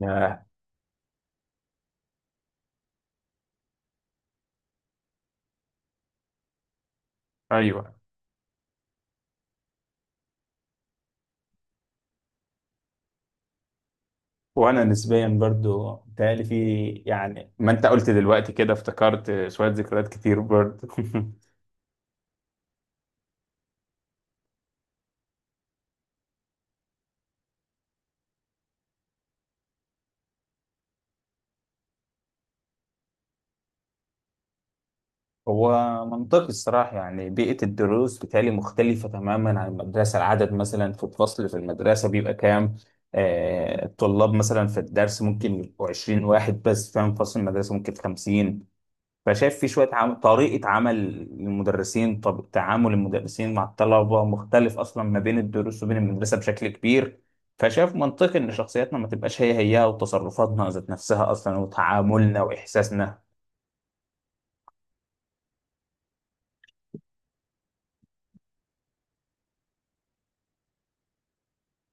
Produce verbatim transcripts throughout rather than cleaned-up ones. ياه! ايوه، وانا نسبيا برضو بتهيألي في، يعني ما انت قلت دلوقتي كده افتكرت شويه ذكريات كتير برضو. هو منطقي الصراحه، يعني بيئه الدروس بتهيألي مختلفه تماما عن المدرسه. العدد مثلا في الفصل في المدرسه بيبقى كام؟ آه الطلاب مثلا في الدرس ممكن يبقوا 20 واحد بس، فاهم؟ فصل المدرسه ممكن خمسين. فشايف في شوية عم... طريقة عمل المدرسين. طب تعامل المدرسين مع الطلبة مختلف أصلا ما بين الدروس وبين المدرسة بشكل كبير. فشايف منطقي إن شخصياتنا ما تبقاش هي هي، وتصرفاتنا ذات نفسها أصلا، وتعاملنا وإحساسنا.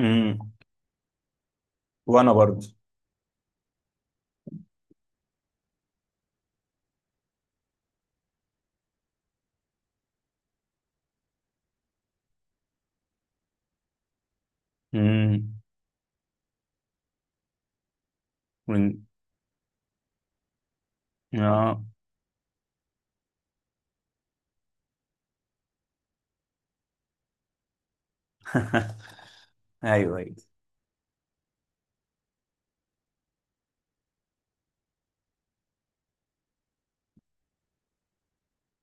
امم. وأنا برضه. امم. من... آه. أيوه، أيوه.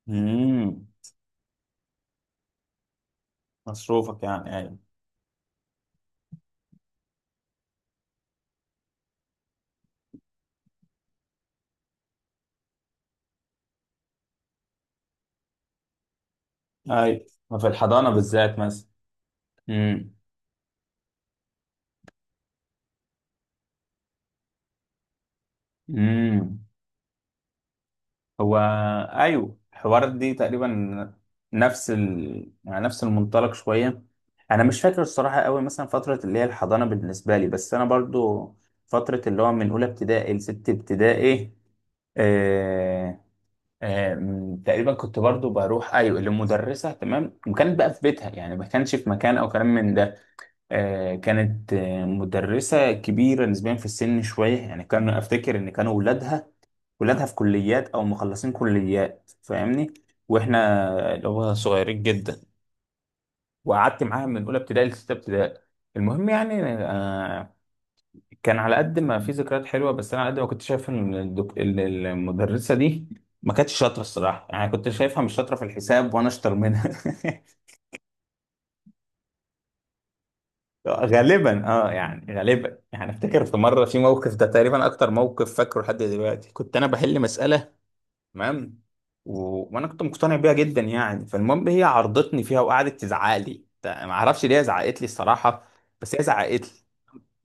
امم. مصروفك، يعني؟ أيوه. أيوه، في الحضانة بالذات مثلا. امم، امم. هو ايوه، الحوارات دي تقريبا نفس ال... يعني نفس المنطلق شويه. انا مش فاكر الصراحه قوي مثلا فتره اللي هي الحضانه بالنسبه لي، بس انا برضو فتره اللي هو من اولى ابتدائي لست ابتدائي. آه... آه... م- تقريبا كنت برضو بروح، ايوه، لمدرسه، تمام، وكانت بقى في بيتها يعني، ما كانش في مكان او كلام من ده. آه، كانت آه، مدرسة كبيرة نسبيا في السن شوية، يعني كان أفتكر إن كانوا ولادها ولادها في كليات أو مخلصين كليات، فاهمني؟ وإحنا اللي هو صغيرين جدا. وقعدت معاها من أولى ابتدائي لستة ابتدائي. المهم يعني، آه، كان على قد ما في ذكريات حلوة، بس أنا على قد ما كنت شايف إن الدك- ال- المدرسة دي ما كانتش شاطرة الصراحة، يعني كنت شايفها مش شاطرة في الحساب وأنا أشطر منها. غالبا اه، يعني غالبا، يعني افتكر في مره في موقف، ده تقريبا اكتر موقف فاكره لحد دلوقتي. كنت انا بحل مساله، تمام، و... وانا كنت مقتنع بيها جدا يعني. فالمهم هي عرضتني فيها، وقعدت تزعق لي، ما اعرفش ليه هي زعقت لي الصراحه، بس هي زعقت لي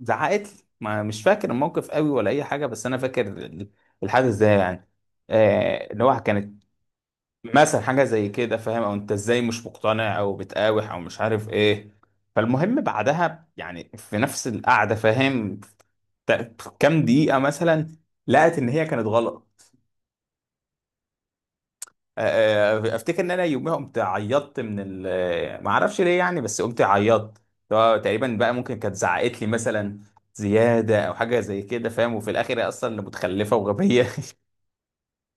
زعقت لي ما مش فاكر الموقف قوي ولا اي حاجه، بس انا فاكر ال- الحدث ده يعني، آه، ان هو كانت مثلا حاجة زي كده، فاهم؟ او انت ازاي مش مقتنع، او بتقاوح، او مش عارف ايه. فالمهم بعدها يعني في نفس القعدة، فاهم؟ ت- كام دقيقة مثلا لقت ان هي كانت غلط. آه، آه، افتكر ان انا يوميها قمت عيطت من ال ما اعرفش ليه يعني، بس قمت عيطت. هو تقريبا بقى ممكن كانت زعقت لي مثلا زيادة، او حاجة زي كده، فاهم؟ وفي الاخر هي اصلا اللي متخلفة وغبية.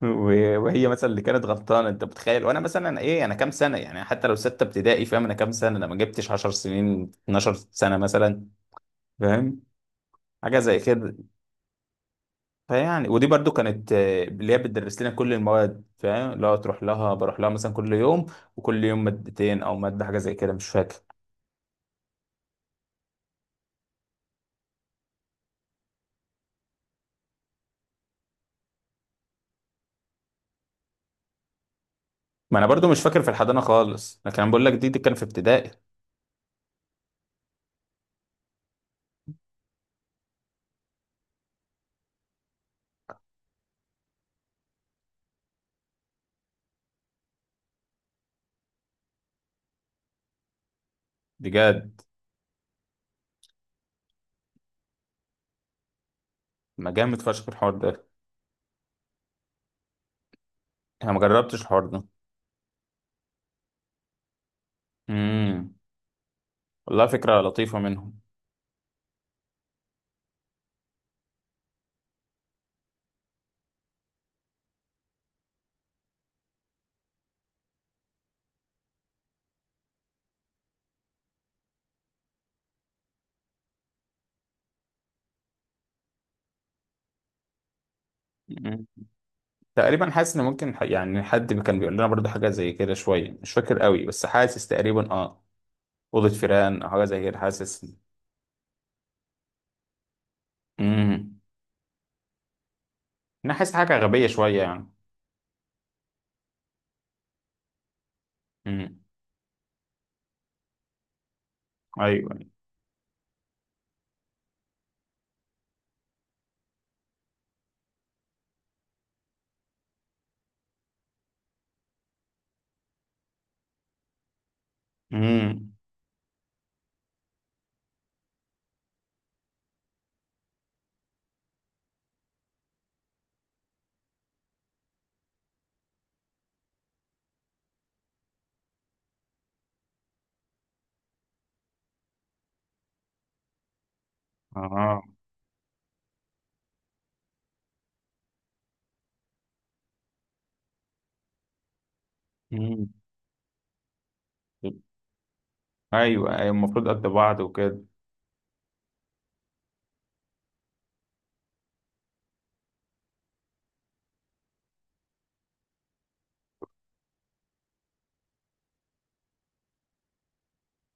و- وهي مثلا اللي كانت غلطانه. انت متخيل؟ وانا مثلا ايه، انا كام سنه يعني؟ حتى لو سته ابتدائي، فاهم انا كام سنه؟ انا ما جبتش 10 سنين، 12 سنه مثلا. فاهم، حاجه زي كده. فيعني ودي برضو كانت آه، اللي هي بتدرس لنا كل المواد، فاهم؟ اللي هو تروح لها بروح لها مثلا كل يوم، وكل يوم مادتين او ماده، حاجه زي كده، مش فاكر. ما انا برضو مش فاكر في الحضانه خالص، لكن انا بقول لك دي, دي كان في ابتدائي. بجد؟ ما جامد فشخ الحوار ده. انا ما جربتش الحوار ده. امم. والله فكره لطيفه. منهم؟ تقريبا حاسس ان ممكن ح- يعني حد كان بيقول لنا برضو حاجه زي كده شويه، مش فاكر قوي، بس حاسس تقريبا اه، اوضه فيران او حاجه زي كده، حاسس. امم. انا حاسس حاجه غبيه شويه يعني. امم. ايوه. امم. اه. امم. ايوه، ايوه، المفروض قد بعض وكده.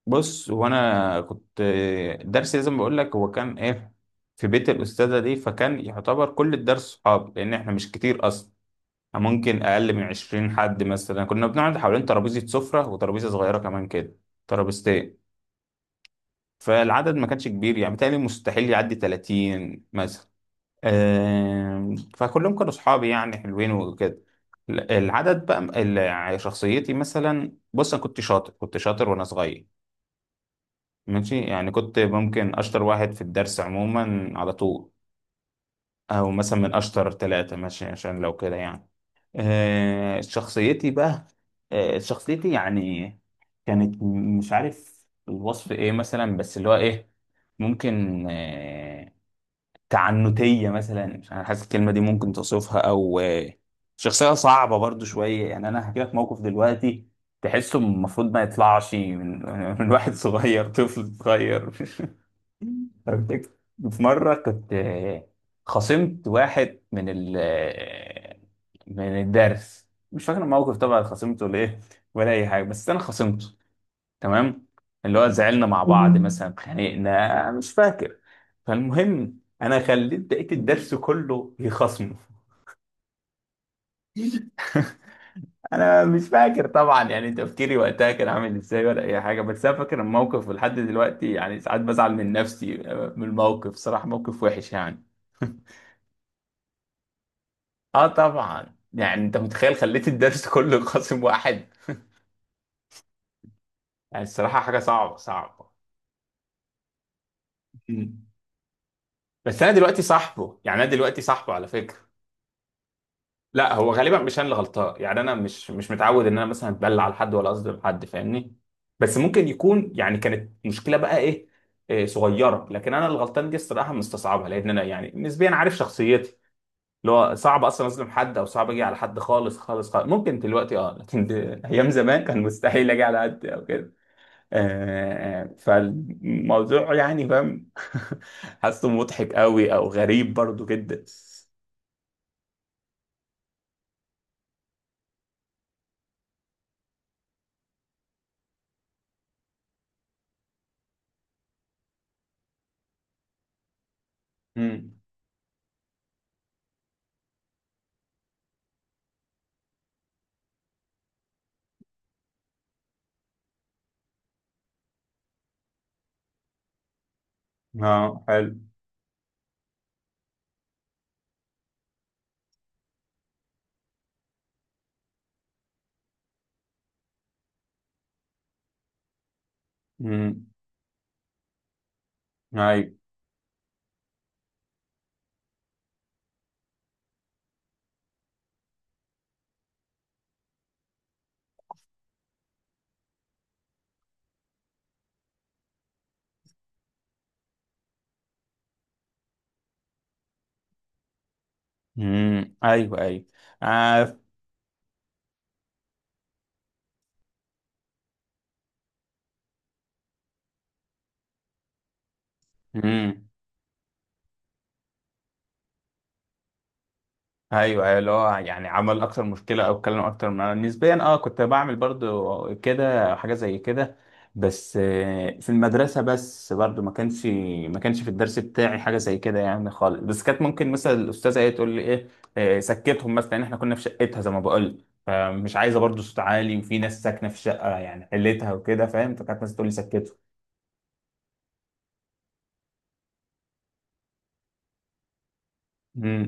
بص، هو انا كنت درسي لازم بقول لك هو كان ايه، في بيت الاستاذه دي، فكان يعتبر كل الدرس صحاب، لان احنا مش كتير اصلا، ممكن اقل من 20 حد مثلا. كنا بنقعد حوالين ترابيزه سفره وترابيزه صغيره كمان كده، ترابيزتين. فالعدد ما كانش كبير، يعني بالتالي مستحيل يعدي تلاتين مثلا. آم، فكلهم كانوا اصحابي يعني، حلوين وكده. ال- العدد بقى ال- يعني شخصيتي مثلا، بص انا كنت شاطر، كنت شاطر وانا صغير، ماشي. يعني كنت ممكن اشطر واحد في الدرس عموما على طول، او مثلا من اشطر ثلاثة، ماشي، عشان لو كده يعني. آه، شخصيتي بقى آه، شخصيتي يعني كانت م- مش عارف الوصف ايه مثلا، بس اللي هو ايه، ممكن آه، تعنتية مثلا، مش انا حاسس الكلمة دي ممكن توصفها، او آه، شخصية صعبة برضو شوية يعني. انا هحكي لك موقف دلوقتي تحسه المفروض ما يطلعش من, من واحد صغير، طفل صغير. فبتك- في مرة كنت آه، خصمت واحد من ال آه، من الدرس. مش فاكر الموقف طبعا، خصمته ليه ولا أي حاجة، بس أنا خصمته. تمام. اللي هو زعلنا مع بعض، مم. مثلا خانقنا مش فاكر. فالمهم أنا خليت بقية الدرس كله يخصمه. انا مش فاكر طبعا يعني تفكيري وقتها كان عامل ازاي ولا اي حاجه، بس انا فاكر الموقف. ولحد دلوقتي يعني ساعات بزعل من نفسي، آه، من الموقف صراحه، موقف وحش يعني. اه، طبعا، يعني انت متخيل؟ خليت الدرس كله قاسم واحد، يعني الصراحه حاجه صعبه صعبه. مم. بس انا دلوقتي صاحبه، يعني انا دلوقتي صاحبه على فكره. لا، هو غالبا مش انا اللي غلطان، يعني انا مش مش متعود ان انا مثلا اتبلع على حد ولا اصدم حد، فاهمني؟ بس ممكن يكون يعني كانت مشكله بقى ايه, إيه صغيره، لكن انا الغلطان دي الصراحه مستصعبها، لان انا يعني نسبيا عارف شخصيتي، اللي هو صعب اصلا اظلم حد، او صعب اجي على حد خالص خالص خالص. ممكن دلوقتي اه، لكن د- ايام زمان كان مستحيل اجي على حد او كده. آه فالموضوع يعني فاهم. حاسه مضحك قوي او غريب برضو جدا. امم. اه. حلو. مم. ايوه. امم. ايوه، ايوه. آه. امم. ايوه، ايوه، اللي هو يعني عمل اكتر مشكله او اتكلم اكتر من نسبيا. اه، كنت بعمل برضو كده، حاجه زي كده، بس آه، في المدرسه بس. برضو ما كانش ما كانش في الدرس بتاعي حاجه زي كده يعني خالص، بس كانت ممكن مثلا الاستاذه ايه تقول لي ايه، آه، سكتهم مثلا، لان احنا كنا في شقتها زي ما بقول، فمش عايزه برضو صوت عالي، وفي ناس ساكنه في الشقه يعني حلتها وكده، فاهم؟ فكانت مثلا تقول لي سكتهم. امم.